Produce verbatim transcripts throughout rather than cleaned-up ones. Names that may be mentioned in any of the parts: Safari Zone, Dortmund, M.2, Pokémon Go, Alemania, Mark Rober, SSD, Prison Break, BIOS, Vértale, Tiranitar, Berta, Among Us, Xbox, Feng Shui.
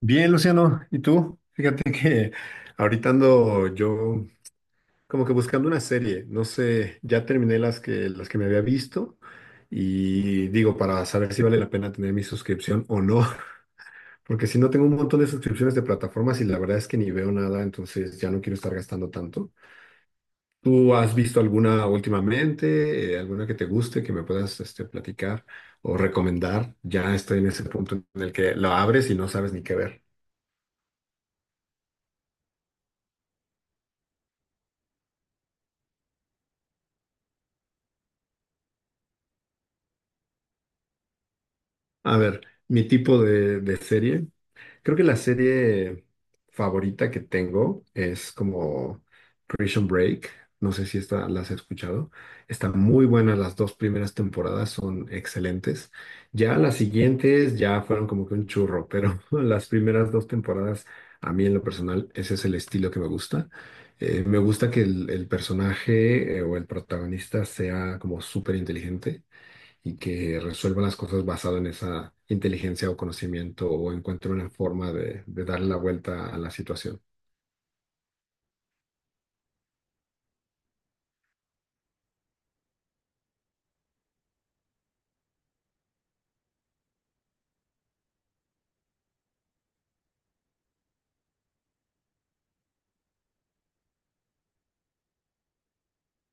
Bien, Luciano, ¿y tú? Fíjate que ahorita ando yo como que buscando una serie. No sé, ya terminé las que, las que me había visto y digo, para saber si vale la pena tener mi suscripción o no, porque si no tengo un montón de suscripciones de plataformas y la verdad es que ni veo nada, entonces ya no quiero estar gastando tanto. ¿Tú has visto alguna últimamente, eh, alguna que te guste, que me puedas este, platicar o recomendar? Ya estoy en ese punto en el que la abres y no sabes ni qué ver. A ver, mi tipo de, de serie. Creo que la serie favorita que tengo es como Prison Break. No sé si esta las has escuchado. Están muy buenas las dos primeras temporadas, son excelentes. Ya las siguientes ya fueron como que un churro, pero las primeras dos temporadas, a mí en lo personal, ese es el estilo que me gusta. Eh, me gusta que el, el personaje eh, o el protagonista sea como súper inteligente y que resuelva las cosas basado en esa inteligencia o conocimiento o encuentre una forma de, de darle la vuelta a la situación.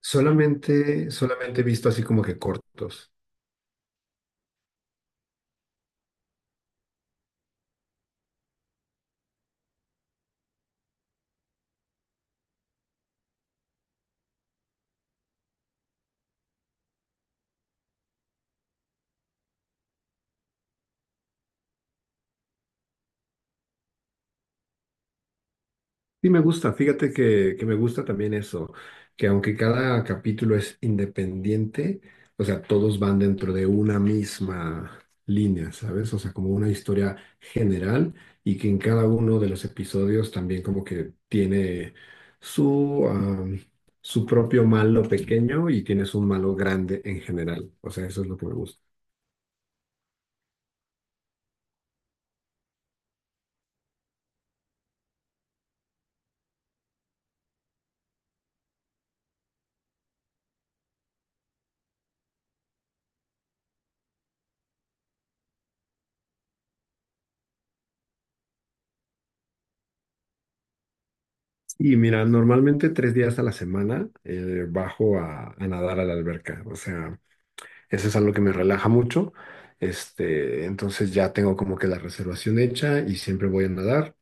Solamente, solamente he visto así como que cortos. Sí, me gusta, fíjate que, que me gusta también eso, que aunque cada capítulo es independiente, o sea, todos van dentro de una misma línea, ¿sabes? O sea, como una historia general y que en cada uno de los episodios también como que tiene su, ah, su propio malo pequeño y tienes un malo grande en general. O sea, eso es lo que me gusta. Y mira, normalmente tres días a la semana eh, bajo a, a nadar a la alberca. O sea, eso es algo que me relaja mucho. Este, entonces ya tengo como que la reservación hecha y siempre voy a nadar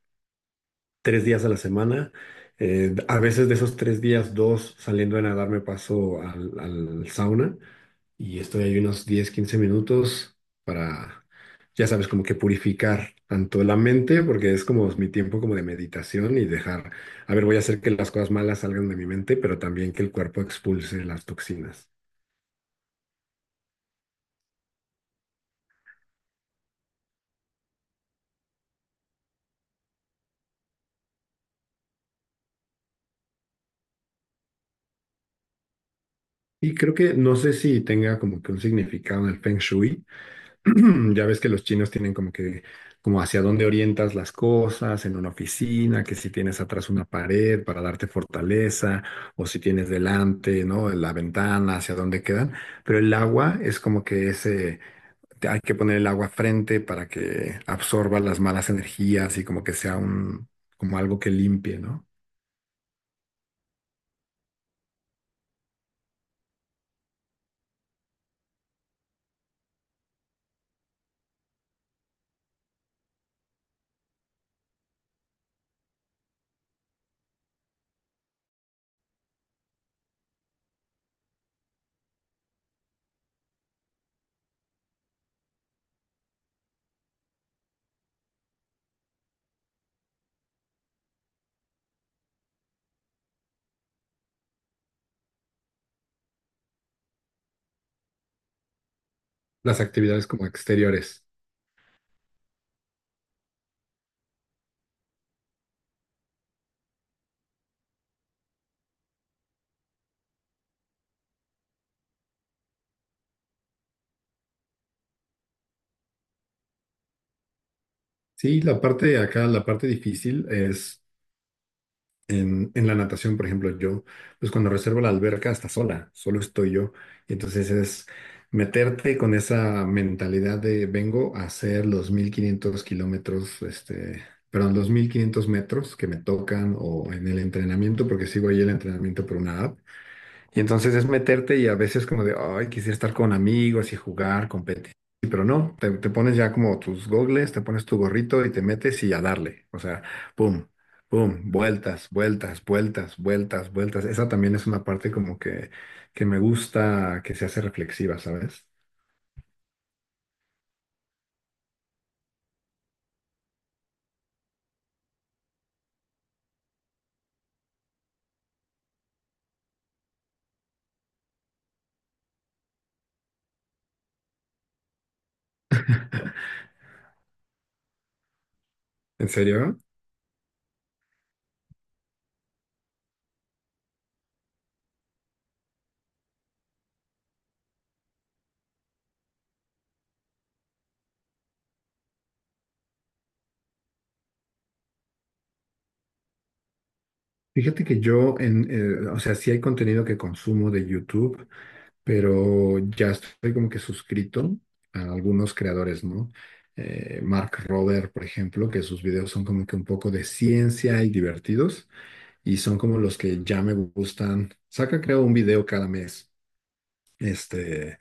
tres días a la semana. Eh, a veces de esos tres días, dos saliendo a nadar me paso al, al sauna y estoy ahí unos diez quince minutos para, ya sabes, como que purificar tanto la mente, porque es como mi tiempo como de meditación y dejar, a ver, voy a hacer que las cosas malas salgan de mi mente, pero también que el cuerpo expulse las toxinas. Y creo que no sé si tenga como que un significado en el Feng Shui. Ya ves que los chinos tienen como que, como hacia dónde orientas las cosas en una oficina, que si tienes atrás una pared para darte fortaleza, o si tienes delante, ¿no? La ventana, hacia dónde quedan. Pero el agua es como que ese, te- hay que poner el agua frente para que absorba las malas energías y como que sea un, como algo que limpie, ¿no? Las actividades como exteriores. Sí, la parte de acá, la parte difícil es En, en la natación, por ejemplo, yo, pues cuando reservo la alberca está sola, solo estoy yo. Y entonces es meterte con esa mentalidad de vengo a hacer los mil quinientos kilómetros, este, perdón, los mil quinientos metros que me tocan o en el entrenamiento, porque sigo ahí el entrenamiento por una app. Y entonces es meterte y a veces como de, ay, quisiera estar con amigos y jugar, competir. Pero no, te, te pones ya como tus gogles, te pones tu gorrito y te metes y a darle. O sea, pum, pum, vueltas, vueltas, vueltas, vueltas, vueltas. Esa también es una parte como que, que me gusta, que se hace reflexiva, ¿sabes? ¿En serio? Fíjate que yo, en, eh, o sea, sí hay contenido que consumo de YouTube, pero ya estoy como que suscrito a algunos creadores, ¿no? Eh, Mark Rober, por ejemplo, que sus videos son como que un poco de ciencia y divertidos, y son como los que ya me gustan. Saca, creo, un video cada mes. Este.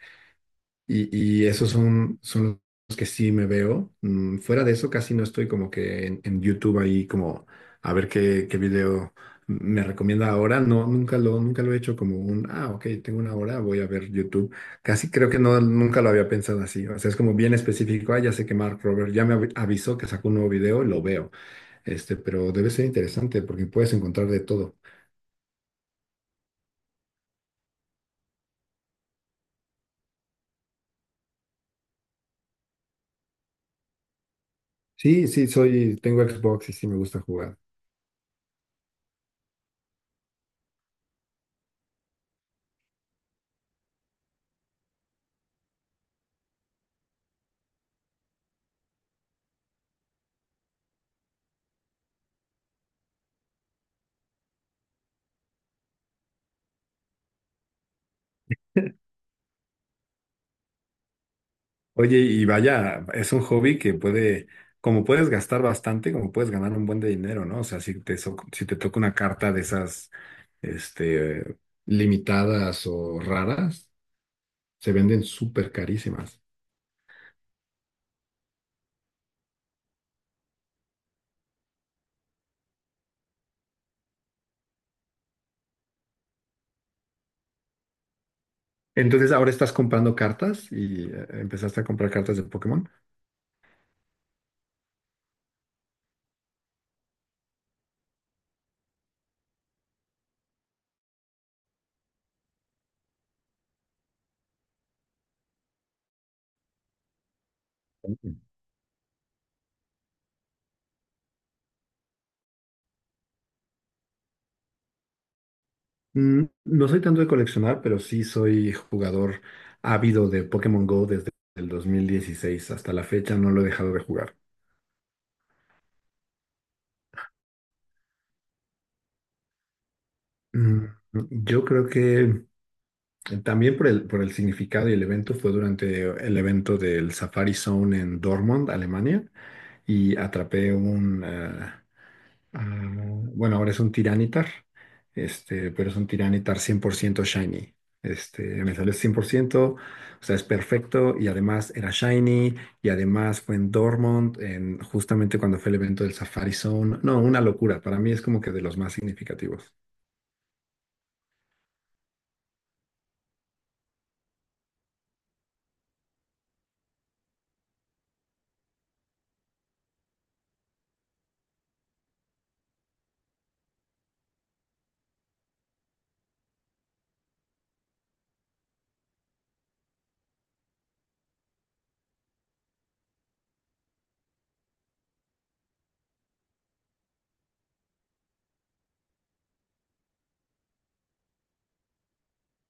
Y, y esos son, son los que sí me veo. Mm, fuera de eso, casi no estoy como que en, en YouTube ahí como a ver qué, qué video me recomienda ahora. No, nunca lo, nunca lo he hecho como un, ah, ok, tengo una hora, voy a ver YouTube. Casi creo que no, nunca lo había pensado así. O sea, es como bien específico. Ah, ya sé que Mark Robert ya me avi- avisó que sacó un nuevo video y lo veo. Este, pero debe ser interesante porque puedes encontrar de todo. Sí, sí, soy, tengo Xbox y sí me gusta jugar. Oye, y vaya, es un hobby que puede, como puedes gastar bastante, como puedes ganar un buen de dinero, ¿no? O sea, si te, so- si te toca una carta de esas, este, limitadas o raras, se venden súper carísimas. Entonces, ahora estás comprando cartas y eh, empezaste a comprar cartas de Pokémon. Mm, no soy tanto de coleccionar, pero sí soy jugador ávido de Pokémon Go desde el dos mil dieciséis. Hasta la fecha no lo he dejado de jugar. Mm, yo creo que también por el, por el significado y el evento fue durante el evento del Safari Zone en Dortmund, Alemania, y atrapé un, ah, ah, bueno, ahora es un Tiranitar, este, pero es un Tiranitar cien por ciento shiny. Este, me salió cien por ciento, o sea, es perfecto y además era shiny y además fue en Dortmund, en, justamente cuando fue el evento del Safari Zone. No, una locura, para mí es como que de los más significativos.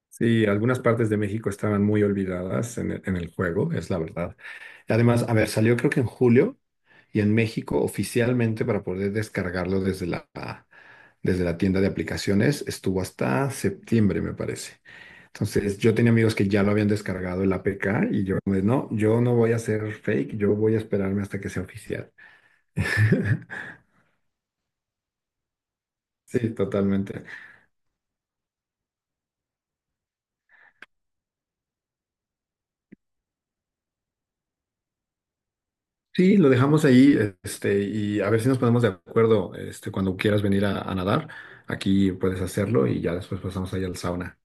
Sí, algunas partes de México estaban muy olvidadas en el, en el juego, es la verdad. Y además, a ver, salió creo que en julio y en México oficialmente para poder descargarlo desde la, desde la tienda de aplicaciones estuvo hasta septiembre, me parece. Entonces, yo tenía amigos que ya lo habían descargado el A P K y yo, pues, no, yo no voy a hacer fake, yo voy a esperarme hasta que sea oficial. Sí, totalmente. Sí, lo dejamos ahí, este, y a ver si nos ponemos de acuerdo, este, cuando quieras venir a, a nadar, aquí puedes hacerlo y ya después pasamos ahí al sauna.